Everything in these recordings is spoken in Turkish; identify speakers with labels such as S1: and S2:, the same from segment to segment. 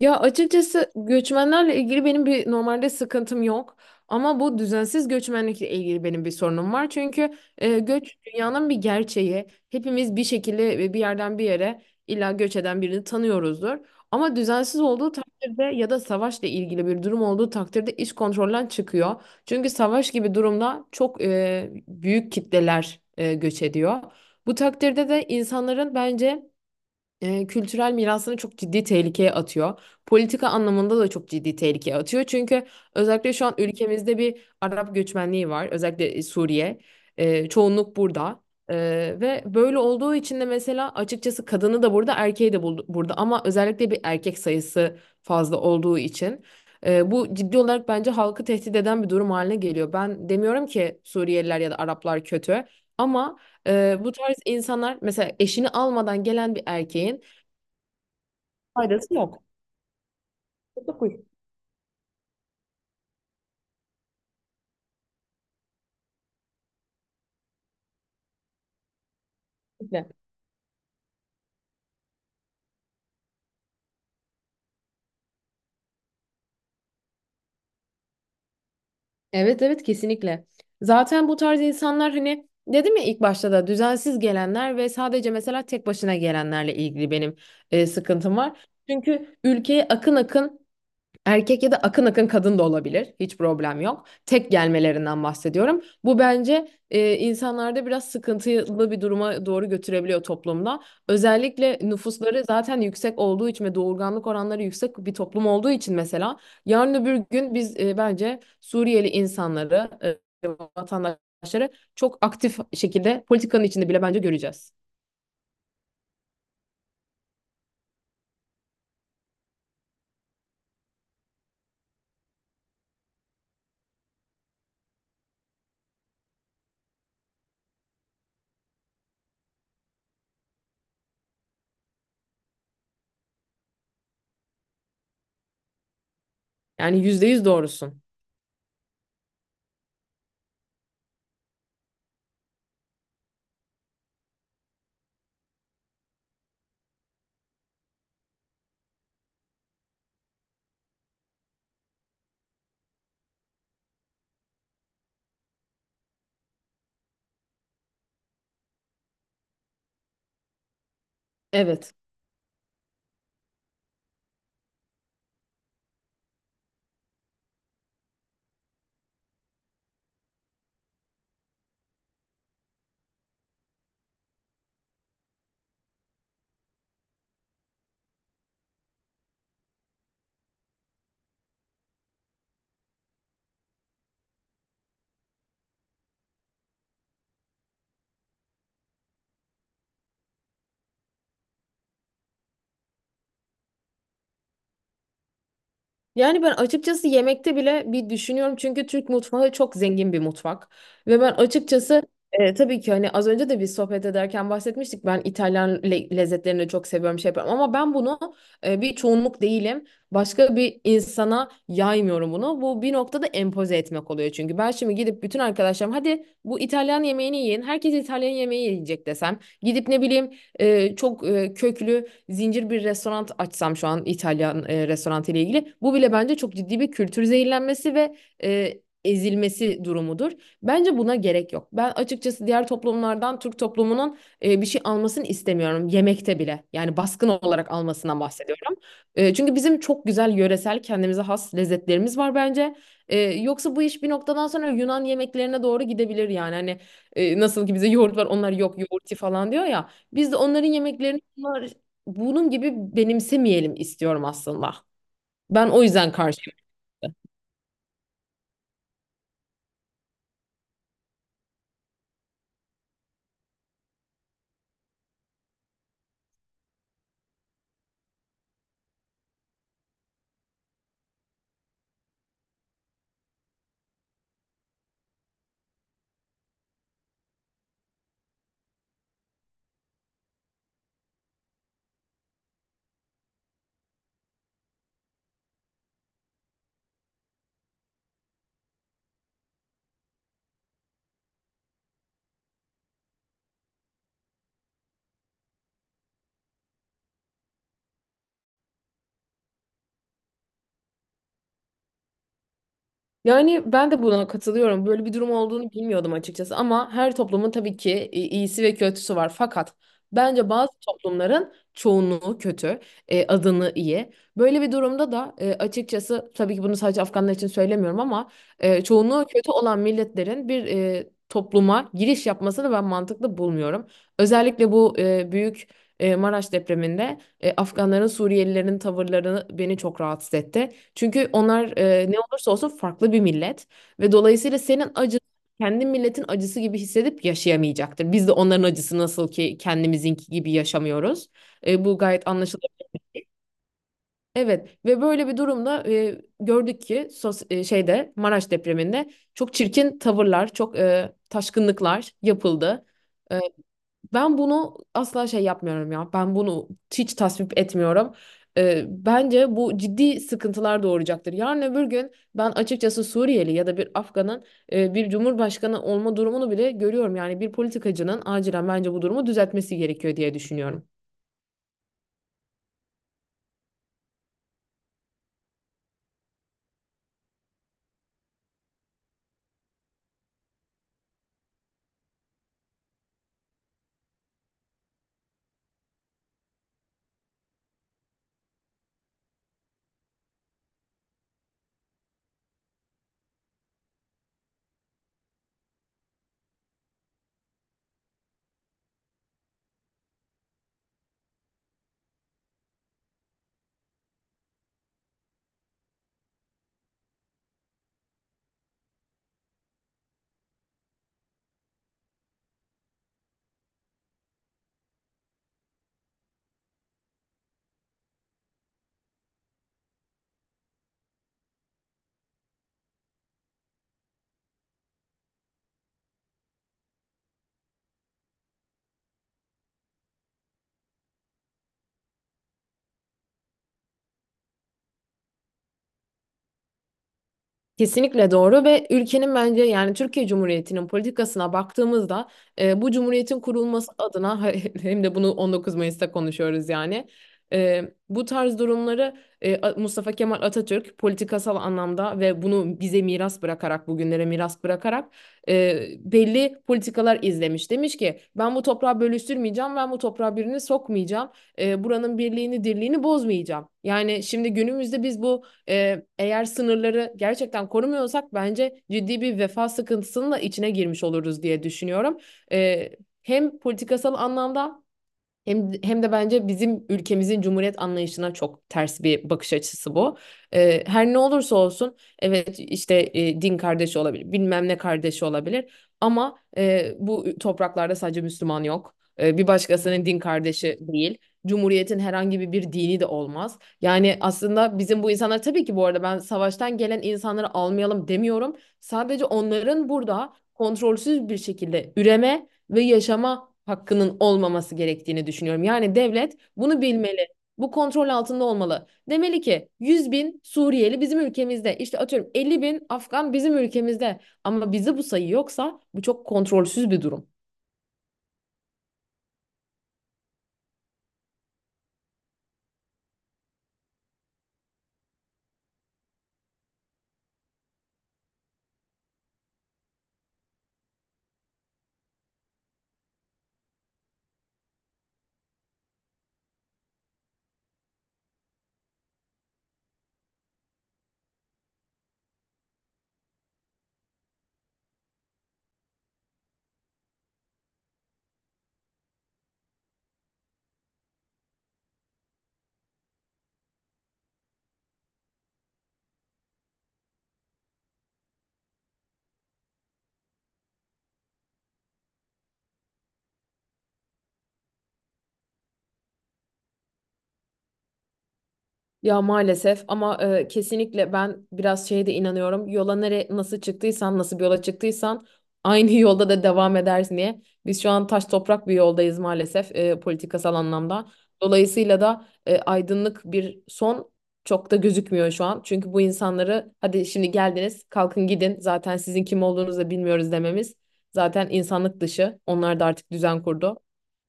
S1: Ya açıkçası göçmenlerle ilgili benim bir normalde sıkıntım yok. Ama bu düzensiz göçmenlikle ilgili benim bir sorunum var. Çünkü göç dünyanın bir gerçeği. Hepimiz bir şekilde ve bir yerden bir yere illa göç eden birini tanıyoruzdur. Ama düzensiz olduğu takdirde ya da savaşla ilgili bir durum olduğu takdirde iş kontrolden çıkıyor. Çünkü savaş gibi durumda çok büyük kitleler göç ediyor. Bu takdirde de insanların bence kültürel mirasını çok ciddi tehlikeye atıyor. Politika anlamında da çok ciddi tehlikeye atıyor. Çünkü özellikle şu an ülkemizde bir Arap göçmenliği var. Özellikle Suriye. Çoğunluk burada. E, Ve böyle olduğu için de mesela açıkçası kadını da burada, erkeği de burada. Ama özellikle bir erkek sayısı fazla olduğu için bu ciddi olarak bence halkı tehdit eden bir durum haline geliyor. Ben demiyorum ki Suriyeliler ya da Araplar kötü. Ama bu tarz insanlar mesela eşini almadan gelen bir erkeğin faydası yok. Mutluluk kesinlikle. Evet evet, kesinlikle. Zaten bu tarz insanlar hani dedim ya ilk başta da düzensiz gelenler ve sadece mesela tek başına gelenlerle ilgili benim sıkıntım var. Çünkü ülkeye akın akın erkek ya da akın akın kadın da olabilir. Hiç problem yok. Tek gelmelerinden bahsediyorum. Bu bence insanlarda biraz sıkıntılı bir duruma doğru götürebiliyor toplumda. Özellikle nüfusları zaten yüksek olduğu için ve doğurganlık oranları yüksek bir toplum olduğu için mesela yarın öbür gün biz bence Suriyeli insanları, e, vatandaşları çok aktif şekilde politikanın içinde bile bence göreceğiz. Yani yüzde yüz doğrusun. Evet. Yani ben açıkçası yemekte bile bir düşünüyorum çünkü Türk mutfağı çok zengin bir mutfak. Ve ben açıkçası tabii ki hani az önce de bir sohbet ederken bahsetmiştik. Ben İtalyan lezzetlerini de çok seviyorum şey yapıyorum. Ama ben bunu bir çoğunluk değilim. Başka bir insana yaymıyorum bunu. Bu bir noktada empoze etmek oluyor çünkü. Ben şimdi gidip bütün arkadaşlarım hadi bu İtalyan yemeğini yiyin. Herkes İtalyan yemeği yiyecek desem. Gidip ne bileyim çok köklü zincir bir restoran açsam şu an İtalyan restoranı ile ilgili bu bile bence çok ciddi bir kültür zehirlenmesi ve e, ezilmesi durumudur. Bence buna gerek yok. Ben açıkçası diğer toplumlardan Türk toplumunun bir şey almasını istemiyorum yemekte bile. Yani baskın olarak almasından bahsediyorum. Çünkü bizim çok güzel yöresel kendimize has lezzetlerimiz var bence. Yoksa bu iş bir noktadan sonra Yunan yemeklerine doğru gidebilir yani. Hani nasıl ki bize yoğurt var onlar yok yoğurti falan diyor ya. Biz de onların yemeklerini bunun gibi benimsemeyelim istiyorum aslında. Ben o yüzden karşıyım. Yani ben de buna katılıyorum. Böyle bir durum olduğunu bilmiyordum açıkçası ama her toplumun tabii ki iyisi ve kötüsü var. Fakat bence bazı toplumların çoğunluğu kötü, adını iyi. Böyle bir durumda da açıkçası tabii ki bunu sadece Afganlar için söylemiyorum ama çoğunluğu kötü olan milletlerin bir topluma giriş yapmasını ben mantıklı bulmuyorum. Özellikle bu büyük Maraş depreminde Afganların Suriyelilerin tavırlarını beni çok rahatsız etti. Çünkü onlar ne olursa olsun farklı bir millet ve dolayısıyla senin acın kendi milletin acısı gibi hissedip yaşayamayacaktır. Biz de onların acısı nasıl ki kendimizinki gibi yaşamıyoruz. Bu gayet anlaşılır. Evet ve böyle bir durumda gördük ki şeyde Maraş depreminde çok çirkin tavırlar, çok taşkınlıklar yapıldı. E, Ben bunu asla şey yapmıyorum ya. Ben bunu hiç tasvip etmiyorum. Bence bu ciddi sıkıntılar doğuracaktır. Yarın öbür gün ben açıkçası Suriyeli ya da bir Afgan'ın bir cumhurbaşkanı olma durumunu bile görüyorum. Yani bir politikacının acilen bence bu durumu düzeltmesi gerekiyor diye düşünüyorum. Kesinlikle doğru ve ülkenin bence yani Türkiye Cumhuriyeti'nin politikasına baktığımızda bu cumhuriyetin kurulması adına hem de bunu 19 Mayıs'ta konuşuyoruz yani. E, Bu tarz durumları Mustafa Kemal Atatürk politikasal anlamda ve bunu bize miras bırakarak bugünlere miras bırakarak belli politikalar izlemiş. Demiş ki ben bu toprağı bölüştürmeyeceğim, ben bu toprağa birini sokmayacağım, buranın birliğini dirliğini bozmayacağım. Yani şimdi günümüzde biz bu eğer sınırları gerçekten korumuyorsak bence ciddi bir vefa sıkıntısının da içine girmiş oluruz diye düşünüyorum. Ee, Hem politikasal anlamda hem de bence bizim ülkemizin cumhuriyet anlayışına çok ters bir bakış açısı bu. Her ne olursa olsun evet işte din kardeşi olabilir bilmem ne kardeşi olabilir ama bu topraklarda sadece Müslüman yok. Bir başkasının din kardeşi değil. Cumhuriyetin herhangi bir dini de olmaz. Yani aslında bizim bu insanlar tabii ki bu arada ben savaştan gelen insanları almayalım demiyorum. Sadece onların burada kontrolsüz bir şekilde üreme ve yaşama hakkının olmaması gerektiğini düşünüyorum. Yani devlet bunu bilmeli. Bu kontrol altında olmalı. Demeli ki 100 bin Suriyeli bizim ülkemizde. İşte atıyorum 50 bin Afgan bizim ülkemizde. Ama bizi bu sayı yoksa bu çok kontrolsüz bir durum. Ya maalesef ama kesinlikle ben biraz şeye de inanıyorum. Yola nere Nasıl çıktıysan, nasıl bir yola çıktıysan aynı yolda da devam edersin diye. Biz şu an taş toprak bir yoldayız maalesef politikasal anlamda. Dolayısıyla da aydınlık bir son çok da gözükmüyor şu an. Çünkü bu insanları hadi şimdi geldiniz, kalkın gidin. Zaten sizin kim olduğunuzu da bilmiyoruz dememiz zaten insanlık dışı. Onlar da artık düzen kurdu.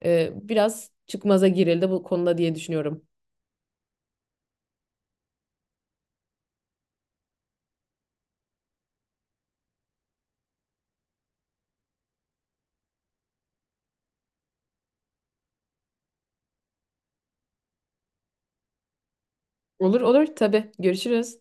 S1: Biraz çıkmaza girildi bu konuda diye düşünüyorum. Olur olur, tabii. Görüşürüz.